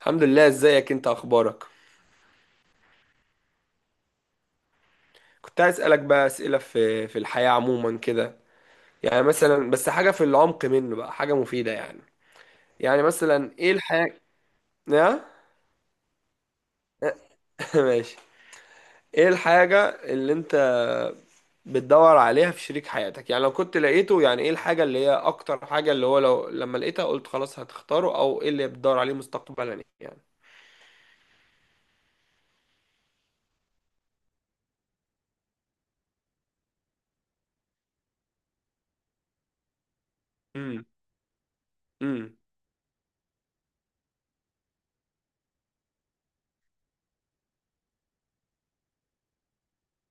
الحمد لله، ازيك انت؟ اخبارك؟ كنت عايز اسالك بقى اسئله في الحياه عموما كده. يعني مثلا بس حاجه في العمق منه بقى، حاجه مفيده يعني. يعني مثلا ايه الحاجه؟ يا... ماشي. ايه الحاجه اللي انت بتدور عليها في شريك حياتك؟ يعني لو كنت لقيته، يعني ايه الحاجه اللي هي اكتر حاجه اللي هو لو لما لقيتها قلت خلاص هتختاره، او ايه اللي بتدور عليه مستقبلا يعني؟ امم. امم.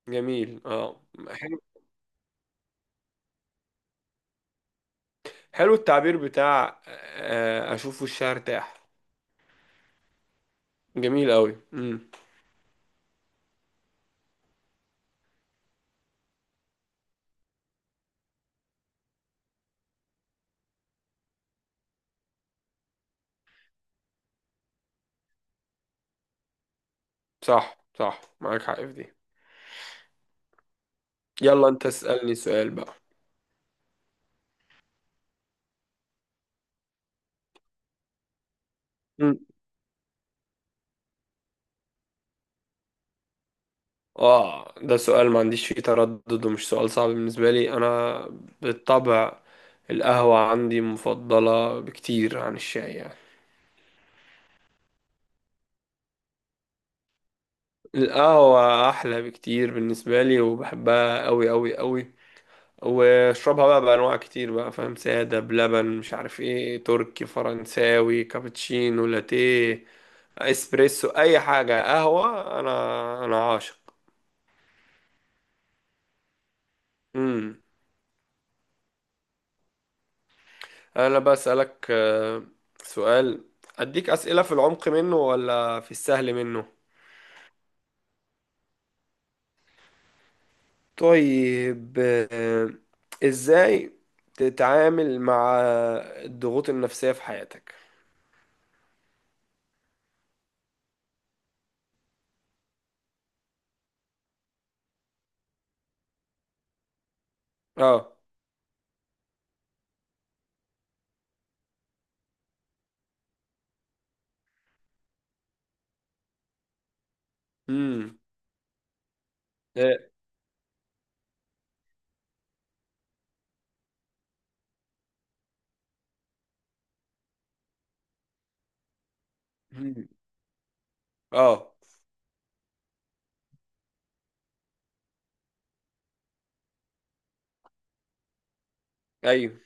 جميل، اه. حلو. حلو التعبير بتاع، اشوفه الشهر تاح. جميل قوي، امم. صح، صح، معاك حق في دي. يلا انت اسألني سؤال بقى. مم. اه ده سؤال ما عنديش فيه تردد ومش سؤال صعب بالنسبة لي انا. بالطبع القهوة عندي مفضلة بكتير عن الشاي يعني. القهوة احلى بكتير بالنسبة لي وبحبها قوي قوي قوي. واشربها بقى بانواع كتير بقى، فاهم، سادة، بلبن، مش عارف ايه، تركي، فرنساوي، كابتشينو، لاتيه، اسبريسو، اي حاجه قهوه انا عاشق. امم. انا بسالك سؤال. اديك اسئله في العمق منه ولا في السهل منه؟ طيب. آه. ازاي تتعامل مع الضغوط النفسيه في حياتك؟ اه. امم. اه. مم. آه. ايوه.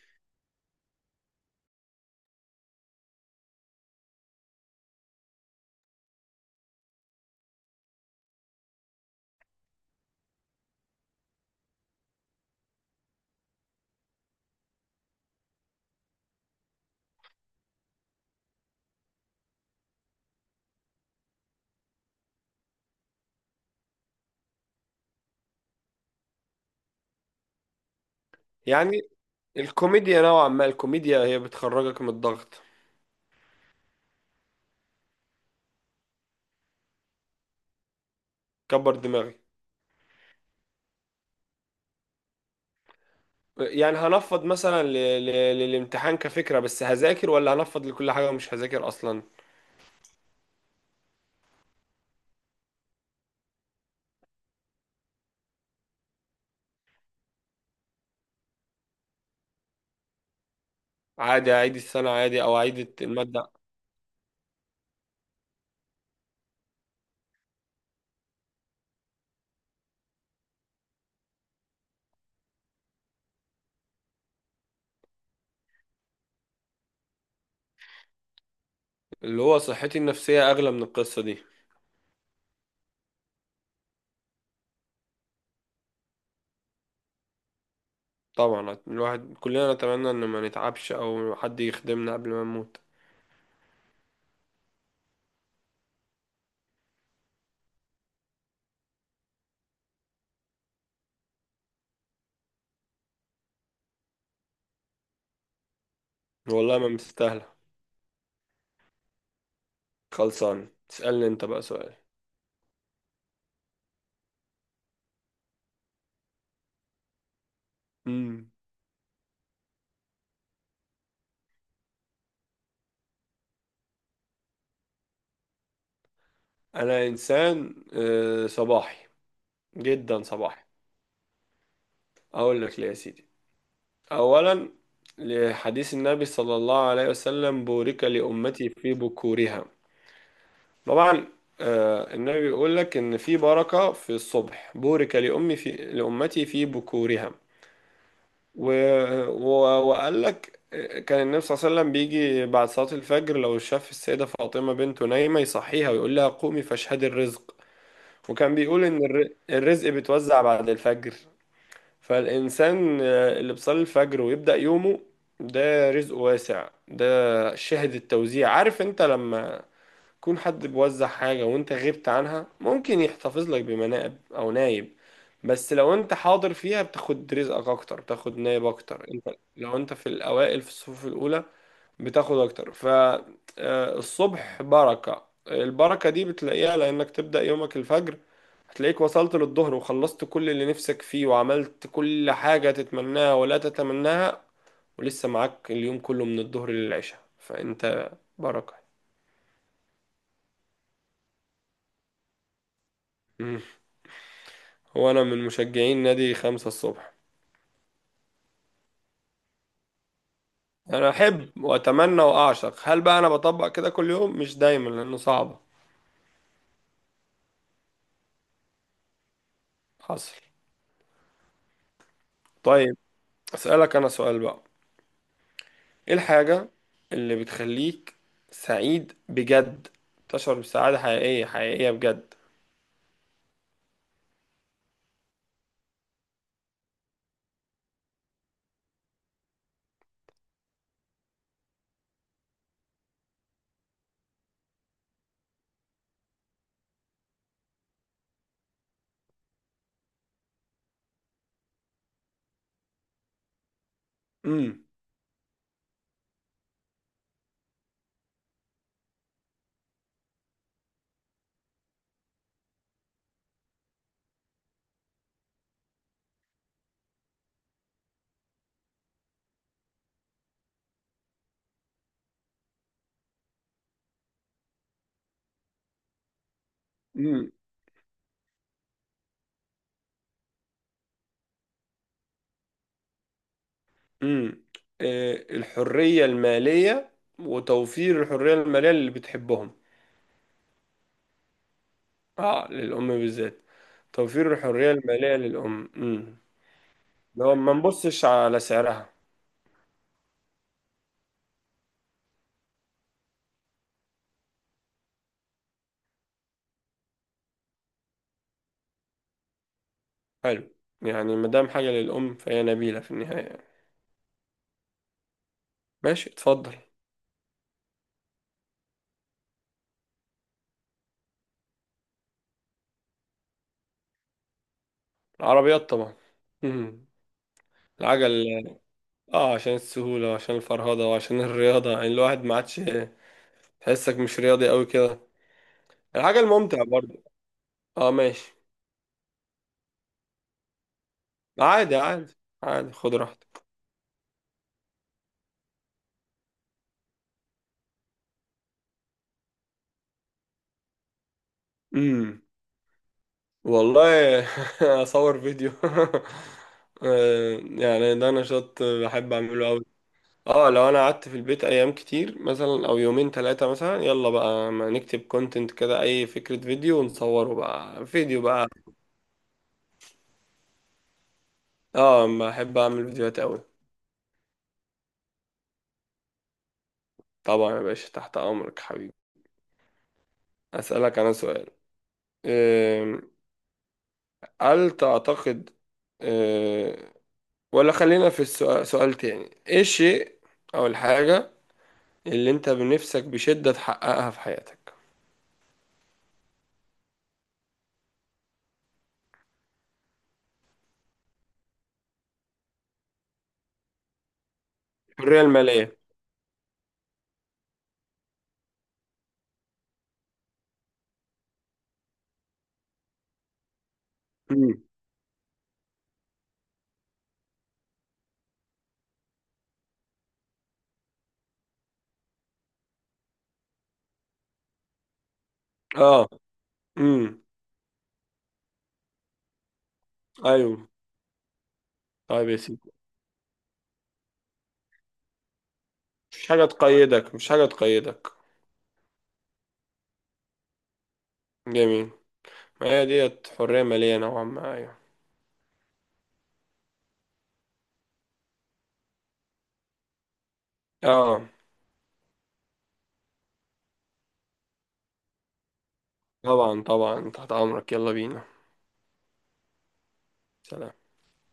يعني الكوميديا نوعا ما، الكوميديا هي بتخرجك من الضغط. كبر دماغك. يعني هنفض مثلا، ل... للامتحان كفكرة بس هذاكر، ولا هنفض لكل حاجة ومش هذاكر أصلا. عادي، أعيد السنة عادي، أو أعيد المادة. اللي هو صحتي النفسية أغلى من القصة دي. طبعا، الواحد كلنا نتمنى إن ما نتعبش أو حد يخدمنا قبل ما نموت. والله ما مستاهلة. خلصان، اسألني أنت بقى سؤال. مم. أنا إنسان صباحي، جدا صباحي. أقول لك ليه يا سيدي. أولا، لحديث النبي صلى الله عليه وسلم: بورك لأمتي في بكورها. طبعا. النبي بيقول لك إن في بركة في الصبح، بورك لأمي في لأمتي في بكورها. و... و... وقال لك كان النبي صلى الله عليه وسلم بيجي بعد صلاة الفجر، لو شاف السيدة فاطمة بنته نايمة يصحيها ويقول لها قومي فاشهدي الرزق. وكان بيقول إن الرزق بيتوزع بعد الفجر. فالإنسان اللي بيصلي الفجر ويبدأ يومه، ده رزق واسع، ده شاهد التوزيع. عارف انت لما يكون حد بيوزع حاجة وانت غبت عنها ممكن يحتفظ لك بمناقب أو نايب، بس لو انت حاضر فيها بتاخد رزقك أكتر، بتاخد نايب أكتر انت. لو انت في الأوائل في الصفوف الأولى بتاخد اكتر. فالصبح بركة، البركة دي بتلاقيها لانك تبدأ يومك الفجر. هتلاقيك وصلت للظهر وخلصت كل اللي نفسك فيه وعملت كل حاجة تتمناها ولا تتمناها، ولسه معاك اليوم كله من الظهر للعشاء، فانت بركة. مم. هو انا من مشجعين نادي 5 الصبح. انا احب واتمنى واعشق، هل بقى انا بطبق كده كل يوم؟ مش دايما لانه صعبة. حصل. طيب، اسألك انا سؤال بقى. ايه الحاجة اللي بتخليك سعيد بجد؟ تشعر بسعادة حقيقية حقيقية بجد؟ امم. امم. امم. إيه الحرية المالية وتوفير الحرية المالية اللي بتحبهم. اه للأم بالذات. توفير الحرية المالية للأم، امم. لو ما نبصش على سعرها. حلو. يعني ما دام حاجة للأم فهي نبيلة في النهاية يعني. ماشي اتفضل. العربيات طبعا. امم. العجل؟ اه عشان السهولة وعشان الفرهدة وعشان الرياضة، يعني الواحد ما عادش. تحسك مش رياضي قوي كده. الحاجة الممتعة برضه. اه ماشي. عادي عادي عادي، خد راحتك. امم. والله، اصور فيديو يعني ده نشاط بحب اعمله قوي. اه لو انا قعدت في البيت ايام كتير مثلا، او يومين ثلاثة مثلا، يلا بقى ما نكتب كونتنت كده، اي فكرة فيديو ونصوره بقى، فيديو بقى. اه بحب اعمل فيديوهات قوي. طبعا يا باشا، تحت امرك حبيبي. أسألك أنا سؤال. أم، هل تعتقد أه، ولا خلينا في سؤال تاني؟ إيه الشيء أو الحاجة اللي أنت بنفسك بشدة تحققها في حياتك؟ الحرية المالية. امم. آه. امم. أيوه. طيب يا سيدي. مش حاجة تقيدك، مش حاجة تقيدك. جميل. ما هي ديت حرية مالية نوعا ما، أيوه. آه. طبعا طبعا، تحت أمرك، يلا بينا. سلام.